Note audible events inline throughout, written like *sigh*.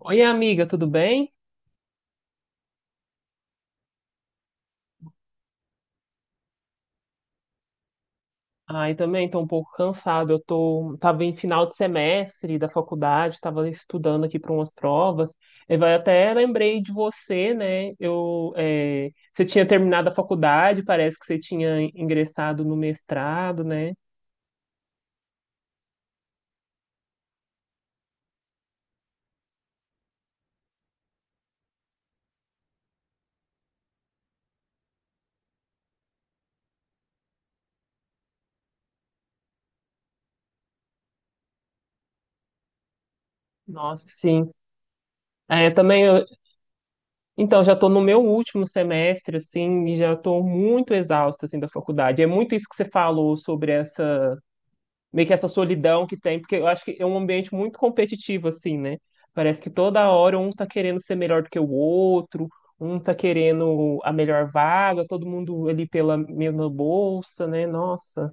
Oi, amiga, tudo bem? Ai, também estou um pouco cansado. Tava em final de semestre da faculdade, estava estudando aqui para umas provas. E vai até lembrei de você, né? Você tinha terminado a faculdade, parece que você tinha ingressado no mestrado, né? Nossa, sim. É, também eu- então já estou no meu último semestre assim, e já estou muito exausta assim da faculdade. É muito isso que você falou sobre essa meio que essa solidão que tem, porque eu acho que é um ambiente muito competitivo, assim, né? Parece que toda hora um tá querendo ser melhor do que o outro, um tá querendo a melhor vaga, todo mundo ali pela mesma bolsa, né? Nossa.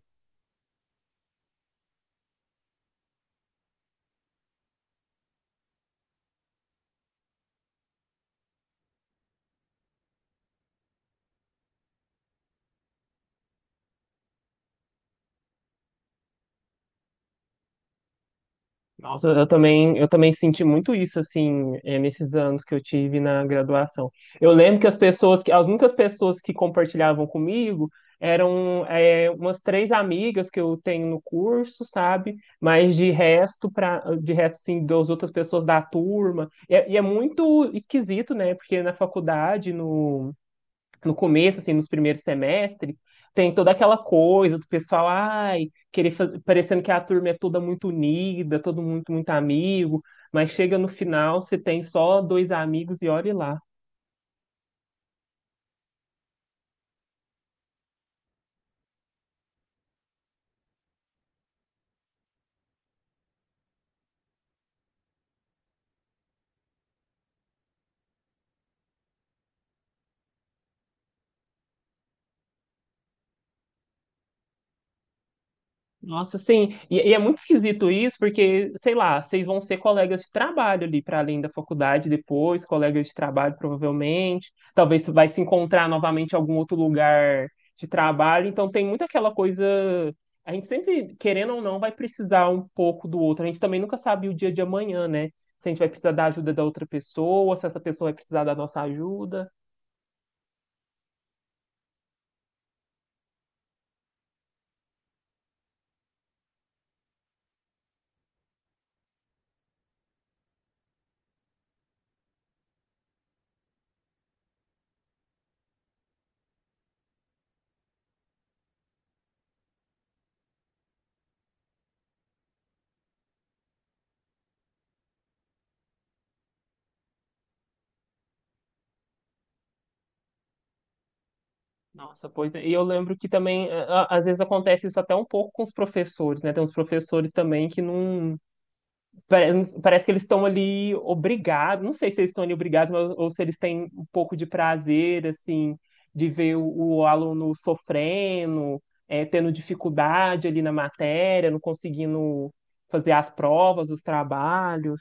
Nossa, eu também senti muito isso, assim, nesses anos que eu tive na graduação. Eu lembro que as únicas pessoas que compartilhavam comigo eram, umas três amigas que eu tenho no curso, sabe? Mas de resto, pra, de resto, assim, das outras pessoas da turma. E é muito esquisito, né? Porque na faculdade, no começo, assim, nos primeiros semestres, tem toda aquela coisa do pessoal, ai, parecendo que a turma é toda muito unida, muito amigo, mas chega no final, você tem só dois amigos e olhe lá. Nossa, sim. E é muito esquisito isso, porque, sei lá, vocês vão ser colegas de trabalho ali para além da faculdade depois, colegas de trabalho provavelmente. Talvez vai se encontrar novamente em algum outro lugar de trabalho. Então tem muito aquela coisa. A gente sempre, querendo ou não, vai precisar um pouco do outro. A gente também nunca sabe o dia de amanhã, né? Se a gente vai precisar da ajuda da outra pessoa, se essa pessoa vai precisar da nossa ajuda. Nossa, pois é. E eu lembro que também, às vezes acontece isso até um pouco com os professores, né? Tem uns professores também que não. Parece que eles estão ali obrigados, não sei se eles estão ali obrigados, mas, ou se eles têm um pouco de prazer, assim, de ver o aluno sofrendo, tendo dificuldade ali na matéria, não conseguindo fazer as provas, os trabalhos.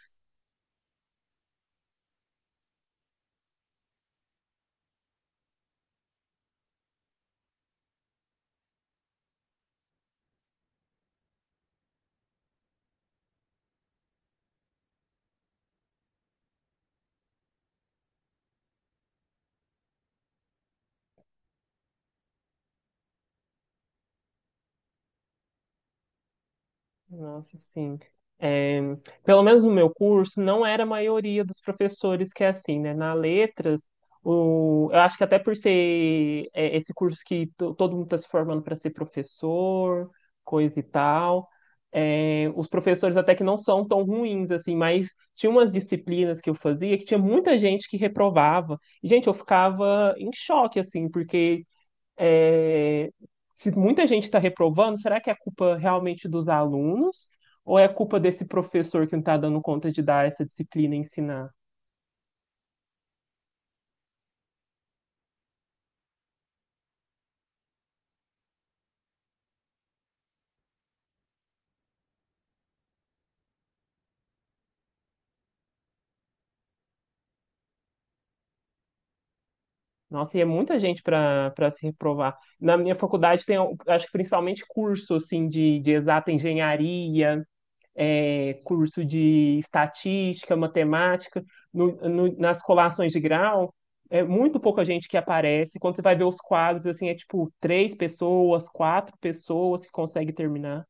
Nossa, sim. É, pelo menos no meu curso, não era a maioria dos professores que é assim, né? Na letras, eu acho que até por ser esse curso que todo mundo está se formando para ser professor, coisa e tal, é, os professores até que não são tão ruins, assim, mas tinha umas disciplinas que eu fazia que tinha muita gente que reprovava. E, gente, eu ficava em choque, assim, porque é, se muita gente está reprovando, será que é culpa realmente dos alunos ou é culpa desse professor que não está dando conta de dar essa disciplina e ensinar? Nossa, e é muita gente para se reprovar. Na minha faculdade tem, acho que principalmente curso assim de exata engenharia, é, curso de estatística, matemática, nas colações de grau, é muito pouca gente que aparece. Quando você vai ver os quadros, assim, é tipo três pessoas, quatro pessoas que conseguem terminar.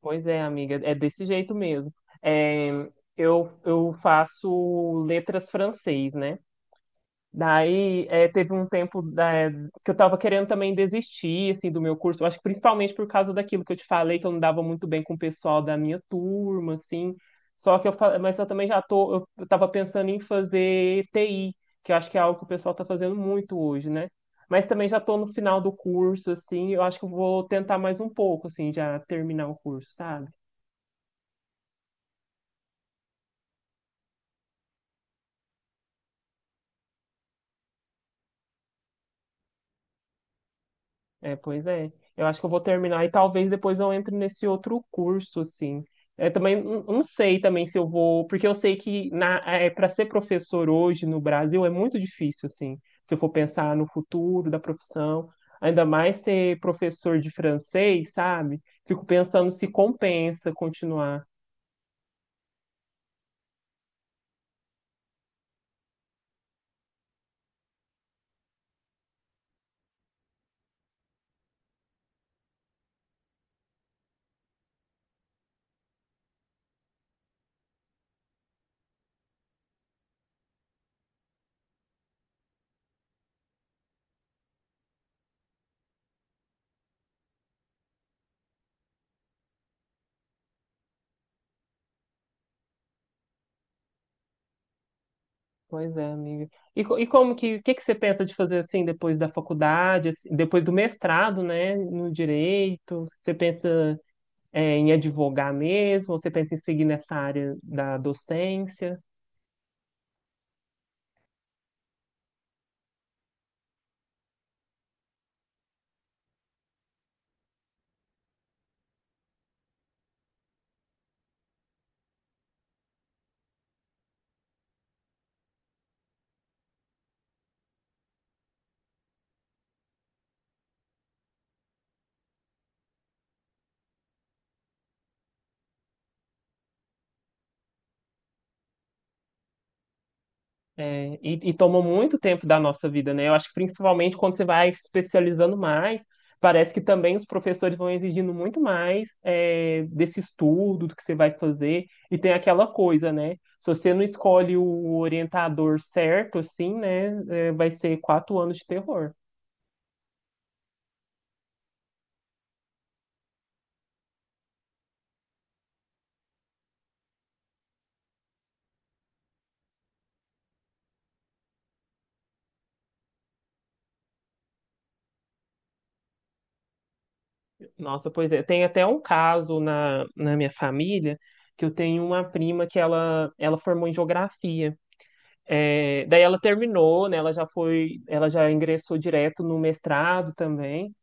Pois é, amiga, é desse jeito mesmo. É, eu faço letras francês, né? Daí, teve um tempo, né, que eu tava querendo também desistir, assim, do meu curso. Eu acho que principalmente por causa daquilo que eu te falei, que eu não dava muito bem com o pessoal da minha turma, assim. Só que eu, fa- Mas eu também já tô, eu tava pensando em fazer TI, que eu acho que é algo que o pessoal tá fazendo muito hoje, né? Mas também já tô no final do curso, assim, eu acho que eu vou tentar mais um pouco, assim, já terminar o curso, sabe? É, pois é. Eu acho que eu vou terminar e talvez depois eu entre nesse outro curso, assim. É, também não sei também se eu vou, porque eu sei que na, é, para ser professor hoje no Brasil é muito difícil, assim, se eu for pensar no futuro da profissão, ainda mais ser professor de francês, sabe? Fico pensando se compensa continuar. Pois é, amiga. E como que, o que que você pensa de fazer assim depois da faculdade, assim, depois do mestrado, né, no direito? Você pensa é, em advogar mesmo? Você pensa em seguir nessa área da docência? É, e toma muito tempo da nossa vida, né? Eu acho que principalmente quando você vai se especializando mais, parece que também os professores vão exigindo muito mais é, desse estudo, do que você vai fazer, e tem aquela coisa, né? Se você não escolhe o orientador certo, assim, né, é, vai ser quatro anos de terror. Nossa, pois é. Tem até um caso na minha família que eu tenho uma prima que ela formou em geografia. É, daí ela terminou, né? Ela já ingressou direto no mestrado também.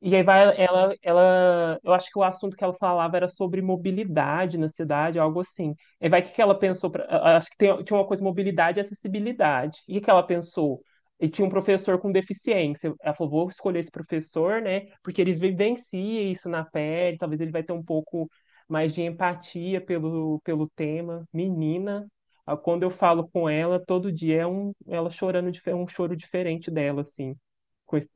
E aí ela, eu acho que o assunto que ela falava era sobre mobilidade na cidade, algo assim. E vai o que que ela pensou, acho que tinha uma coisa mobilidade e acessibilidade. E o que que ela pensou? E tinha um professor com deficiência. Ela falou, vou escolher esse professor, né? Porque ele vivencia isso na pele, talvez ele vai ter um pouco mais de empatia pelo tema. Menina, ah, quando eu falo com ela, todo dia é um, ela chorando, um choro diferente dela, assim. Coisa-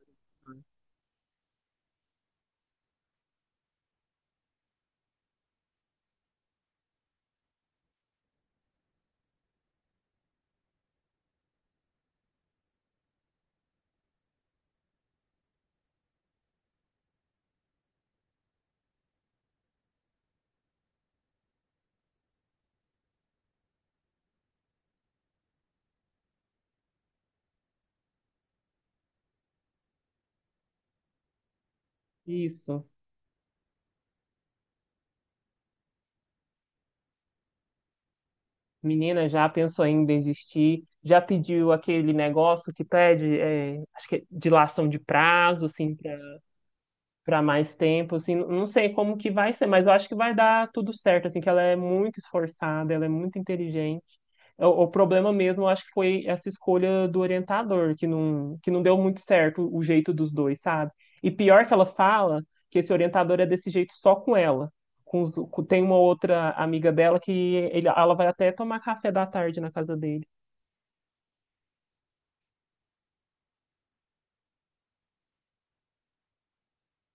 Isso. Menina, já pensou em desistir? Já pediu aquele negócio que pede, é, acho que é dilação de prazo, assim, para mais tempo, assim, não sei como que vai ser, mas eu acho que vai dar tudo certo, assim, que ela é muito esforçada, ela é muito inteligente. O problema mesmo, eu acho que foi essa escolha do orientador, que não deu muito certo o jeito dos dois, sabe? E pior que ela fala que esse orientador é desse jeito só com ela. Tem uma outra amiga dela que ela vai até tomar café da tarde na casa dele.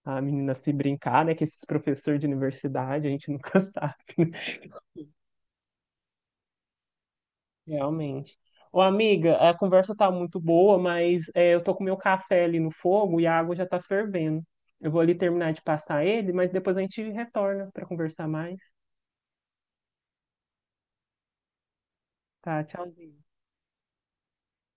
A menina se brincar, né? Que esses professores de universidade, a gente nunca *laughs* sabe, né? Realmente. Ô, amiga, a conversa tá muito boa, mas é, eu tô com meu café ali no fogo e a água já tá fervendo. Eu vou ali terminar de passar ele, mas depois a gente retorna para conversar mais. Tá, tchauzinho.